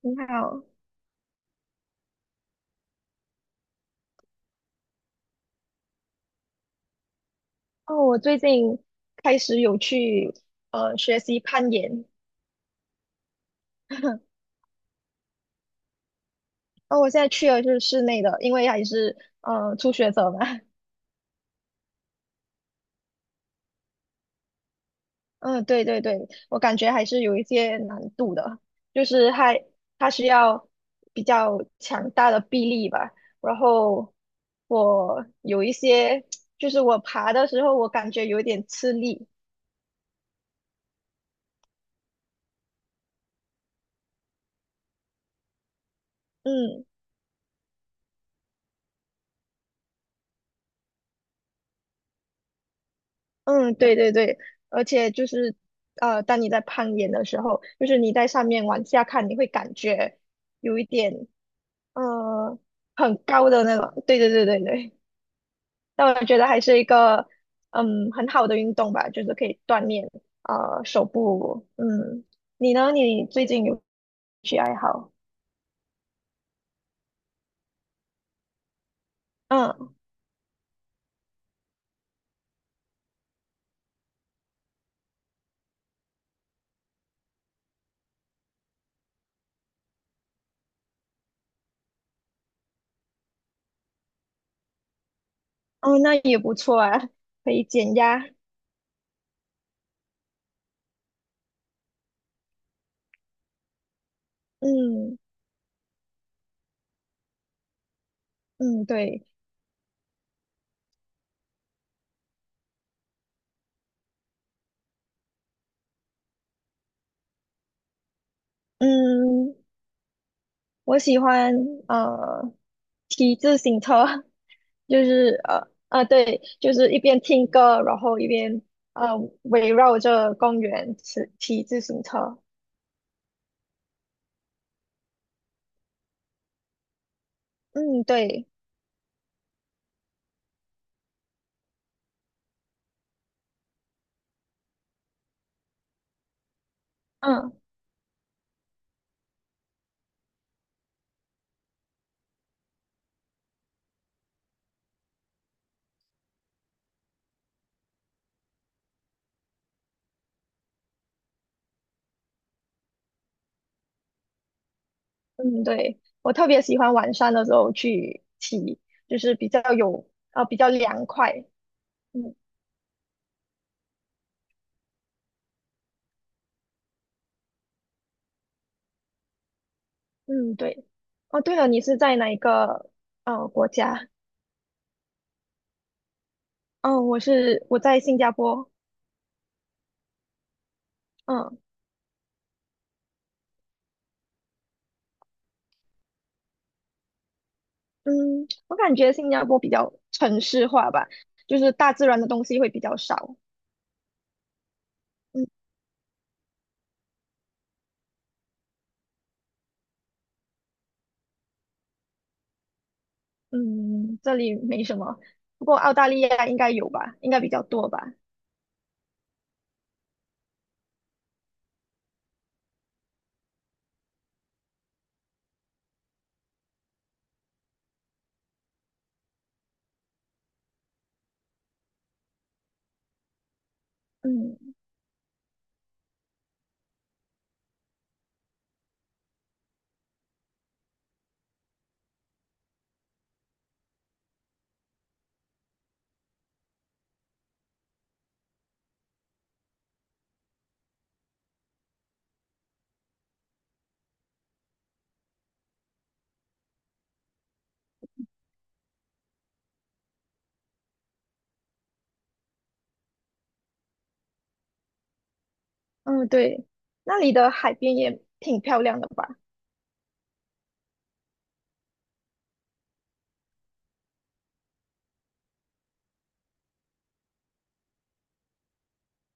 你好。哦，我最近开始有去学习攀岩。哦，我现在去的就是室内的，因为还是初学者嘛。嗯，对对对，我感觉还是有一些难度的，就是它需要比较强大的臂力吧。然后我有一些 就是我爬的时候我感觉有点吃力。嗯。嗯，对对对，而且就是，当你在攀岩的时候，就是你在上面往下看，你会感觉有一点，呃，很高的那种。对对对对对，那我觉得还是一个，嗯，很好的运动吧，就是可以锻炼，手部。嗯，你呢？你最近有兴趣爱好？嗯，哦，那也不错啊，可以减压。嗯嗯，对，嗯。我喜欢呃骑自行车。就是对，就是一边听歌，然后一边呃围绕着公园骑自行车。嗯，对，嗯嗯对，我特别喜欢晚上的时候去骑，就是比较凉快。嗯嗯对。哦对了，你是在哪一个国家？嗯，我在新加坡。嗯。嗯，我感觉新加坡比较城市化吧，就是大自然的东西会比较少。嗯嗯，这里没什么，不过澳大利亚应该有吧，应该比较多吧。嗯嗯，对，那里的海边也挺漂亮的吧？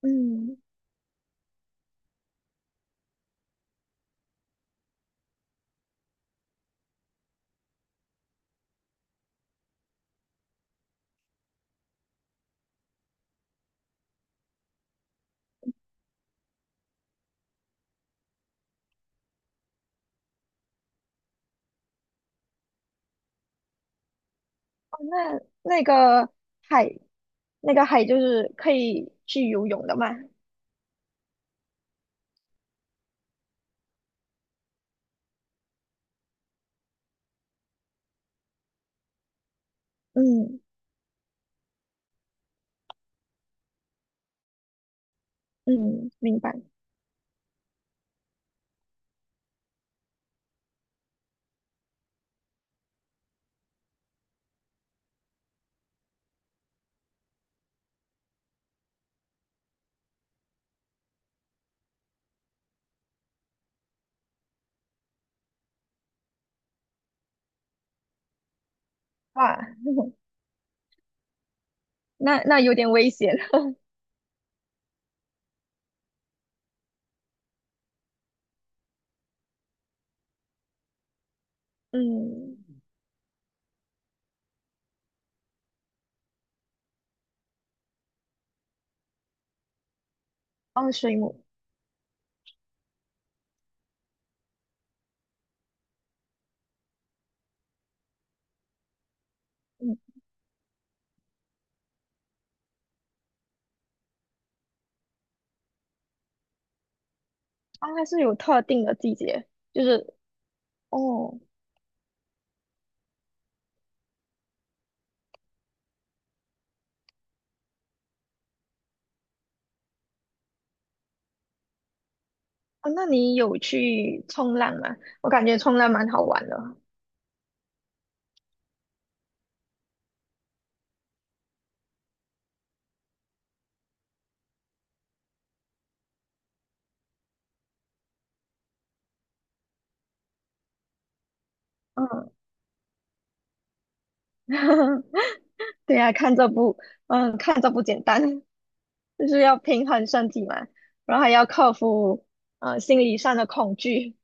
嗯，哦，那那个海，那个海就是可以去游泳的嘛？嗯嗯，明白。哇，那有点危险。嗯，哦，水母。嗯啊，它是有特定的季节，就是哦哦，那你有去冲浪吗？我感觉冲浪蛮好玩的，嗯，对呀，看这不简单，就是要平衡身体嘛，然后还要克服心理上的恐惧。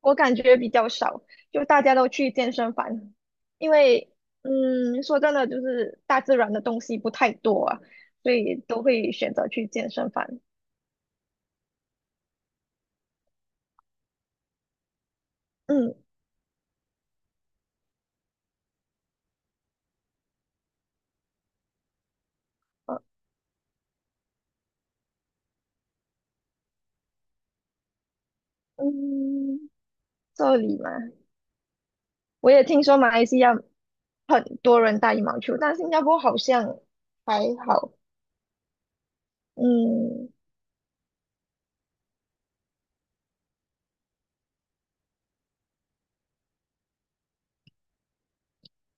我感觉比较少，就大家都去健身房，因为嗯，说真的，就是大自然的东西不太多啊，所以都会选择去健身房。嗯。呃嗯，这里嘛，我也听说马来西亚很多人打羽毛球，但新加坡好像还好。嗯，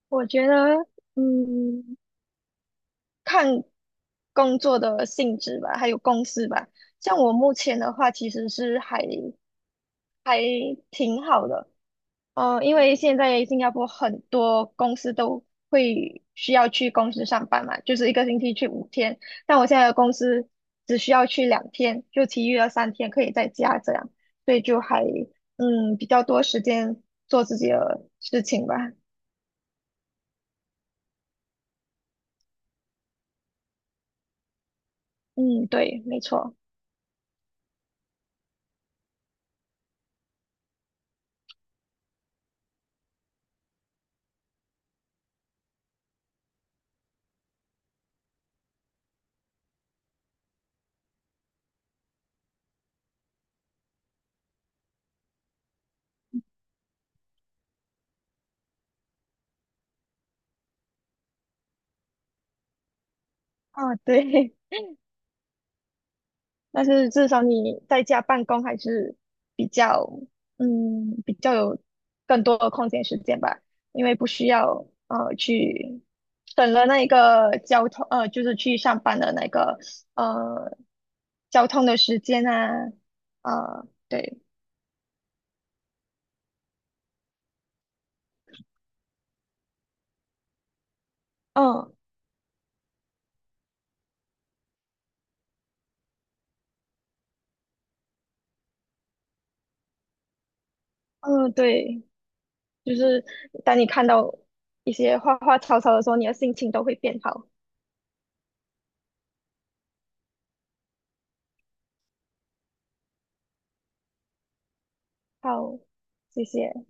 我觉得，嗯，看工作的性质吧，还有公司吧。像我目前的话，其实是还挺好的。哦，因为现在新加坡很多公司都会需要去公司上班嘛，就是一个星期去5天。但我现在的公司只需要去2天，就其余的3天可以在家这样，所以就还比较多时间做自己的事情吧。嗯，对，没错。啊，对，但是至少你在家办公还是比较，比较有更多的空闲时间吧，因为不需要去省了那个交通，就是去上班的那个呃交通的时间啊，对，嗯嗯，对，就是当你看到一些花花草草的时候，你的心情都会变好。好，谢谢。